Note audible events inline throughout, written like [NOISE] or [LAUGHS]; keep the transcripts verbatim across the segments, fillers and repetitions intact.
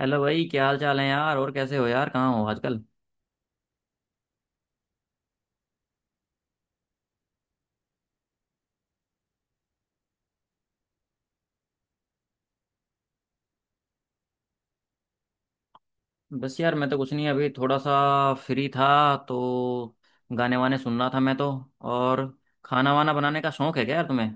Hello भाई, क्या हाल चाल है यार? और कैसे हो यार? कहाँ हो आजकल? बस यार मैं तो कुछ नहीं, अभी थोड़ा सा फ्री था तो गाने वाने सुन रहा था मैं तो। और खाना वाना बनाने का शौक है क्या यार तुम्हें?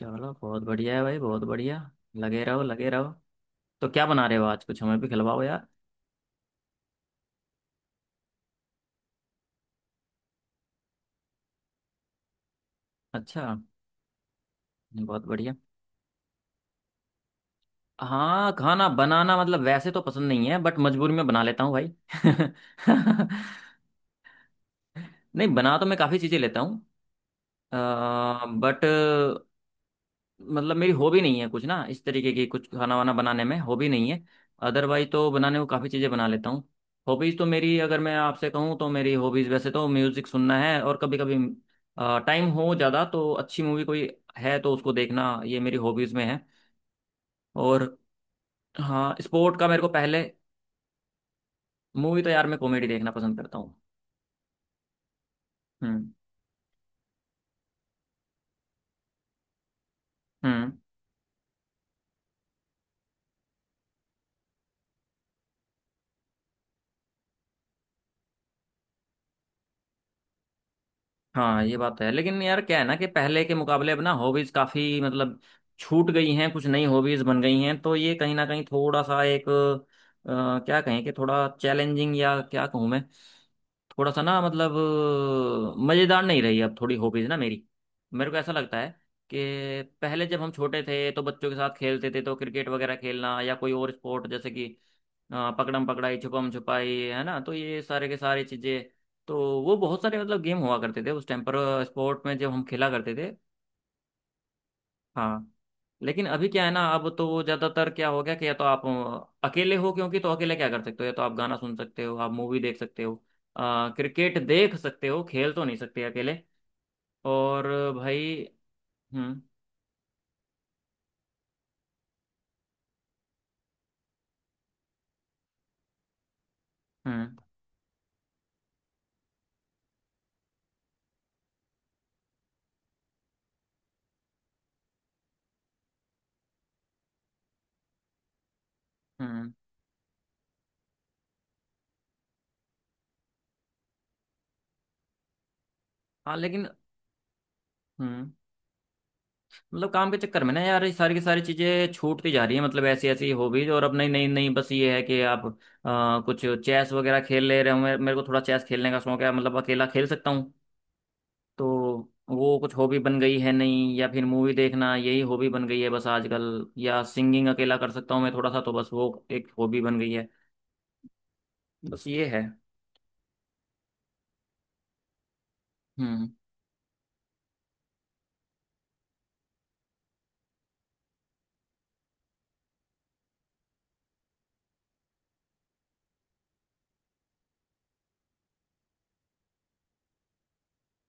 चलो बहुत बढ़िया है भाई, बहुत बढ़िया। लगे रहो लगे रहो। तो क्या बना रहे हो आज? कुछ हमें भी खिलवाओ यार। अच्छा। बहुत बढ़िया। हाँ खाना बनाना मतलब वैसे तो पसंद नहीं है बट मजबूरी में बना लेता हूँ भाई [LAUGHS] नहीं, बना तो मैं काफ़ी चीज़ें लेता हूँ बट मतलब मेरी हॉबी नहीं है कुछ, ना इस तरीके की, कुछ खाना वाना बनाने में हॉबी नहीं है। अदरवाइज तो बनाने को काफ़ी चीज़ें बना लेता हूँ। हॉबीज़ तो मेरी, अगर मैं आपसे कहूँ तो मेरी हॉबीज़ वैसे तो म्यूज़िक सुनना है। और कभी कभी टाइम हो ज़्यादा तो अच्छी मूवी कोई है तो उसको देखना, ये मेरी हॉबीज़ में है। और हाँ स्पोर्ट का मेरे को पहले। मूवी तो यार मैं कॉमेडी देखना पसंद करता हूँ। हम्म। हम्म। हाँ ये बात तो है लेकिन यार क्या है ना कि पहले के मुकाबले अब ना हॉबीज काफी मतलब छूट गई हैं, कुछ नई हॉबीज बन गई हैं। तो ये कहीं ना कहीं थोड़ा सा एक अ, क्या कहें, कि थोड़ा चैलेंजिंग या क्या कहूँ मैं, थोड़ा सा ना मतलब मज़ेदार नहीं रही अब थोड़ी हॉबीज ना मेरी, मेरे को ऐसा लगता है। कि पहले जब हम छोटे थे तो बच्चों के साथ खेलते थे तो क्रिकेट वगैरह खेलना या कोई और स्पोर्ट जैसे कि हाँ, पकड़म पकड़ाई छुपम छुपाई है ना, तो ये सारे के सारे चीजें, तो वो बहुत सारे मतलब गेम हुआ करते थे उस टाइम पर, स्पोर्ट में जब हम खेला करते थे। हाँ लेकिन अभी क्या है ना अब तो वो ज्यादातर क्या हो गया कि या तो आप अ, अकेले हो, क्योंकि तो अकेले क्या कर सकते हो, या तो आप गाना सुन सकते हो, आप मूवी देख सकते हो, अ, क्रिकेट देख सकते हो, खेल तो नहीं सकते अकेले। और भाई। हम्म। हम्म। हम्म। हाँ लेकिन। हम्म। मतलब काम के चक्कर में ना यार ये सारी की सारी चीजें छूटती जा रही है, मतलब ऐसी ऐसी हॉबीज, और अब नई नई नई, बस ये है कि आप अ, कुछ चेस वगैरह खेल ले रहे हो, मेरे मेरे को थोड़ा चेस खेलने का शौक है, मतलब अकेला खेल सकता हूँ तो वो कुछ हॉबी बन गई है। नहीं, या फिर मूवी देखना यही हॉबी बन गई है बस आजकल, या सिंगिंग अकेला कर सकता हूँ मैं थोड़ा सा तो बस वो एक हॉबी बन गई है। बस ये है। हम्म।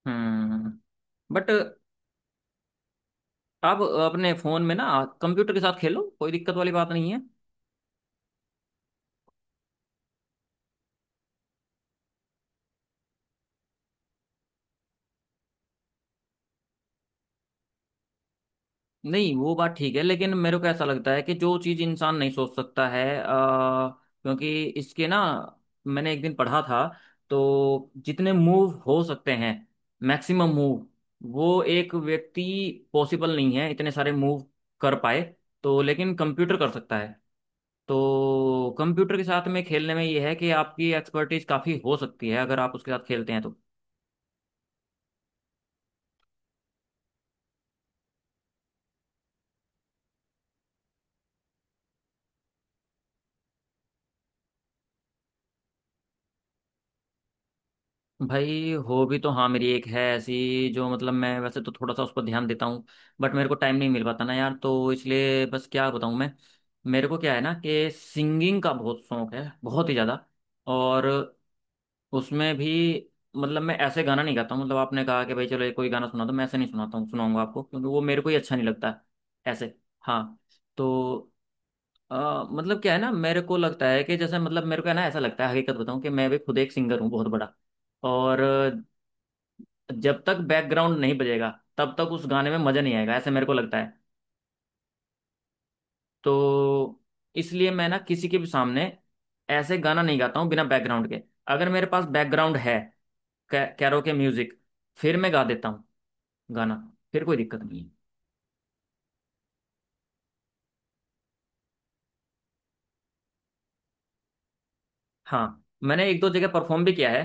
हम्म। बट आप अपने फोन में ना कंप्यूटर के साथ खेलो, कोई दिक्कत वाली बात नहीं है। नहीं वो बात ठीक है लेकिन मेरे को ऐसा लगता है कि जो चीज इंसान नहीं सोच सकता है, आ, क्योंकि इसके ना मैंने एक दिन पढ़ा था, तो जितने मूव हो सकते हैं मैक्सिमम मूव, वो एक व्यक्ति पॉसिबल नहीं है इतने सारे मूव कर पाए। तो लेकिन कंप्यूटर कर सकता है। तो कंप्यूटर के साथ में खेलने में यह है कि आपकी एक्सपर्टीज काफी हो सकती है अगर आप उसके साथ खेलते हैं तो। भाई हो भी तो, हाँ मेरी एक है ऐसी जो मतलब मैं वैसे तो थोड़ा सा उस पर ध्यान देता हूँ बट मेरे को टाइम नहीं मिल पाता ना यार, तो इसलिए बस क्या बताऊँ मैं। मेरे को क्या है ना कि सिंगिंग का बहुत शौक है, बहुत ही ज़्यादा। और उसमें भी मतलब मैं ऐसे गाना नहीं गाता हूँ, मतलब आपने कहा कि भाई चलो ये कोई गाना सुना दो, मैं ऐसे नहीं सुनाता हूँ, सुनाऊंगा आपको क्योंकि वो मेरे को ही अच्छा नहीं लगता है ऐसे। हाँ। तो अ, मतलब क्या है ना मेरे को लगता है कि जैसे, मतलब मेरे को है ना ऐसा लगता है, हकीकत बताऊं, कि मैं भी खुद एक सिंगर हूँ बहुत बड़ा। और जब तक बैकग्राउंड नहीं बजेगा तब तक उस गाने में मज़ा नहीं आएगा, ऐसे मेरे को लगता है। तो इसलिए मैं ना किसी के भी सामने ऐसे गाना नहीं गाता हूँ बिना बैकग्राउंड के। अगर मेरे पास बैकग्राउंड है, कैरोके म्यूजिक, फिर मैं गा देता हूँ गाना, फिर कोई दिक्कत नहीं है। हाँ मैंने एक दो जगह परफॉर्म भी किया है।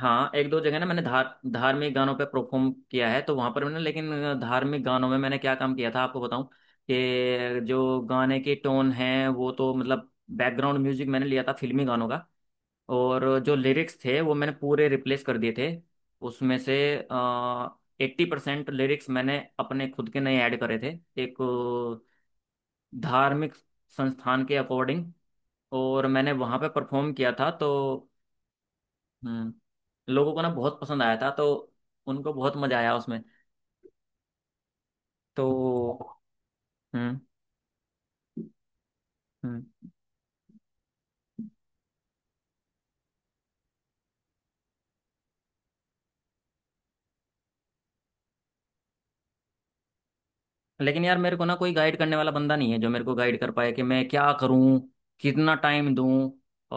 हाँ एक दो जगह ना मैंने धार, धार्मिक गानों पे परफॉर्म किया है, तो वहां पर मैंने, लेकिन धार्मिक गानों में मैंने क्या काम किया था आपको बताऊं, कि जो गाने की टोन है वो तो मतलब, बैकग्राउंड म्यूजिक मैंने लिया था फिल्मी गानों का, और जो लिरिक्स थे वो मैंने पूरे रिप्लेस कर दिए थे उसमें से। एट्टी परसेंट लिरिक्स मैंने अपने खुद के नए ऐड करे थे, एक अ, धार्मिक संस्थान के अकॉर्डिंग, और मैंने वहां पे परफॉर्म किया था, तो हम्म, लोगों को ना बहुत पसंद आया था, तो उनको बहुत मजा आया उसमें। तो हम्म। हम्म। लेकिन यार मेरे को ना कोई गाइड करने वाला बंदा नहीं है जो मेरे को गाइड कर पाए कि मैं क्या करूं, कितना टाइम दूं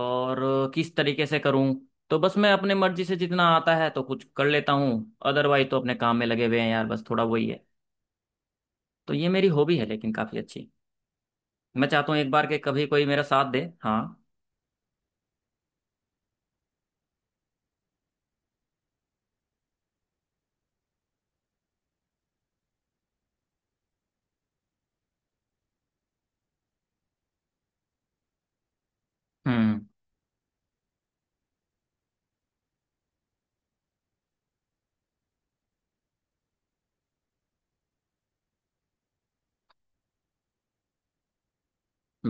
और किस तरीके से करूं। तो बस मैं अपने मर्जी से जितना आता है तो कुछ कर लेता हूँ, अदरवाइज तो अपने काम में लगे हुए हैं यार, बस थोड़ा वही है। तो ये मेरी हॉबी है लेकिन काफी अच्छी। मैं चाहता हूँ एक बार के कभी कोई मेरा साथ दे, हाँ। हम्म।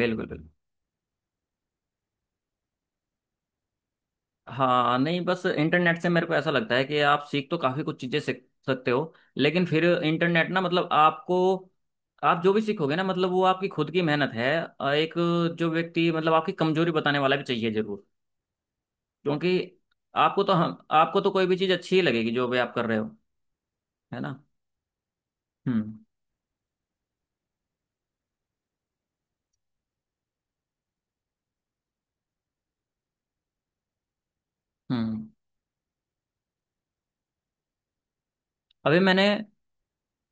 बिल्कुल बिल्कुल। हाँ नहीं बस इंटरनेट से मेरे को ऐसा लगता है कि आप सीख तो काफी कुछ चीजें सीख सकते हो, लेकिन फिर इंटरनेट ना मतलब आपको, आप जो भी सीखोगे ना मतलब वो आपकी खुद की मेहनत है। अ, एक जो व्यक्ति मतलब आपकी कमजोरी बताने वाला भी चाहिए जरूर, क्योंकि आपको तो, हम आपको तो कोई भी चीज अच्छी ही लगेगी जो भी आप कर रहे हो, है ना। हम्म। हम्म। अभी मैंने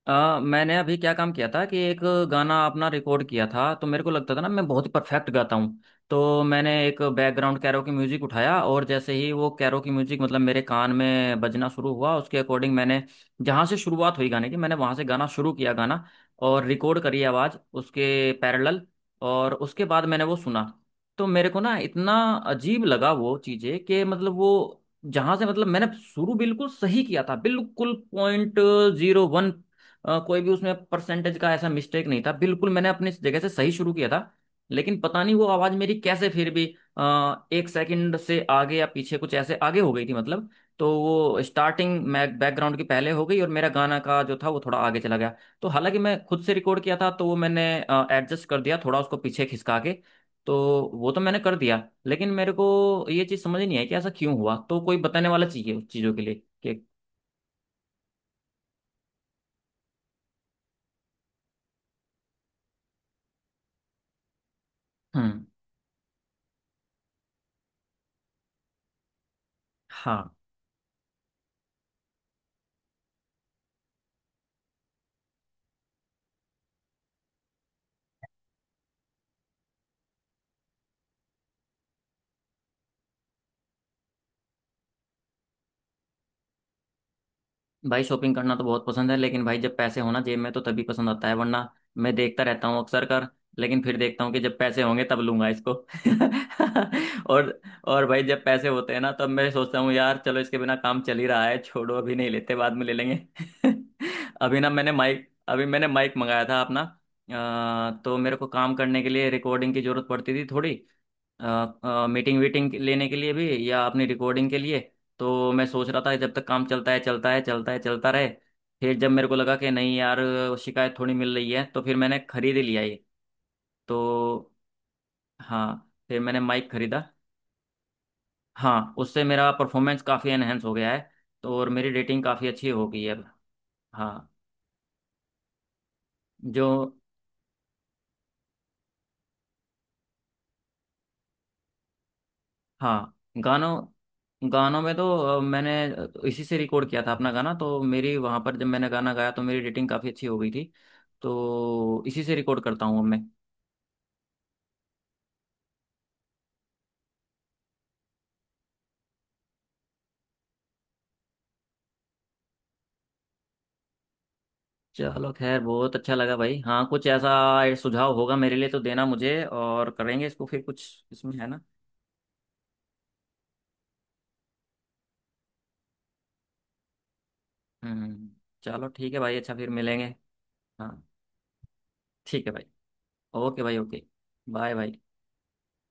अ, मैंने अभी क्या काम किया था कि एक गाना अपना रिकॉर्ड किया था, तो मेरे को लगता था ना मैं बहुत ही परफेक्ट गाता हूँ। तो मैंने एक बैकग्राउंड कैरोकी म्यूजिक उठाया, और जैसे ही वो कैरोकी म्यूजिक मतलब मेरे कान में बजना शुरू हुआ उसके अकॉर्डिंग मैंने जहाँ से शुरुआत हुई गाने की मैंने वहाँ से गाना शुरू किया गाना, और रिकॉर्ड करी आवाज़ उसके पैरेलल, और उसके बाद मैंने वो सुना। तो मेरे को ना इतना अजीब लगा वो चीज़ें, कि मतलब वो जहां से, मतलब मैंने शुरू बिल्कुल सही किया था, बिल्कुल पॉइंट, अ, कोई भी उसमें परसेंटेज का ऐसा मिस्टेक नहीं था, बिल्कुल मैंने अपनी जगह से सही शुरू किया था। लेकिन पता नहीं वो आवाज़ मेरी कैसे फिर भी अ, एक सेकंड से आगे या पीछे कुछ ऐसे आगे हो गई थी मतलब। तो वो स्टार्टिंग मैं बैकग्राउंड की पहले हो गई और मेरा गाना का जो था वो थोड़ा आगे चला गया। तो हालांकि मैं खुद से रिकॉर्ड किया था तो वो मैंने एडजस्ट कर दिया थोड़ा उसको पीछे खिसका के। तो वो तो मैंने कर दिया लेकिन मेरे को ये चीज़ समझ नहीं आई कि ऐसा क्यों हुआ, तो कोई बताने वाला चाहिए उस चीज़ों के लिए कि। हम्म। हाँ भाई शॉपिंग करना तो बहुत पसंद है, लेकिन भाई जब पैसे होना जेब में तो तभी पसंद आता है, वरना मैं देखता रहता हूँ अक्सर कर, लेकिन फिर देखता हूँ कि जब पैसे होंगे तब लूंगा इसको [LAUGHS] और और भाई जब पैसे होते हैं ना तब मैं सोचता हूँ, यार चलो इसके बिना काम चल ही रहा है, छोड़ो अभी नहीं लेते बाद में ले लेंगे [LAUGHS] अभी ना मैंने माइक अभी मैंने माइक मंगाया था अपना, अ, तो मेरे को काम करने के लिए रिकॉर्डिंग की जरूरत पड़ती थी थोड़ी, मीटिंग वीटिंग लेने के लिए भी, या अपनी रिकॉर्डिंग के लिए। तो मैं सोच रहा था कि जब तक काम चलता है चलता है चलता है चलता रहे। फिर जब मेरे को लगा कि नहीं यार शिकायत थोड़ी मिल रही है, तो फिर मैंने खरीद ही लिया ये। तो हाँ फिर मैंने माइक खरीदा। हाँ उससे मेरा परफॉर्मेंस काफ़ी एनहेंस हो गया है तो, और मेरी रेटिंग काफ़ी अच्छी हो गई है अब। हाँ। जो, हाँ गानों, गानों में तो अ, मैंने अ, इसी से रिकॉर्ड किया था अपना गाना, तो मेरी वहाँ पर जब मैंने गाना गाया तो मेरी रेटिंग काफ़ी अच्छी हो गई थी, तो इसी से रिकॉर्ड करता हूँ अब मैं। चलो खैर बहुत अच्छा लगा भाई, हाँ कुछ ऐसा सुझाव होगा मेरे लिए तो देना मुझे, और करेंगे इसको फिर कुछ इसमें है ना। हम्म। चलो ठीक है भाई, अच्छा फिर मिलेंगे। हाँ ठीक है भाई। ओके भाई ओके। बाय भाई।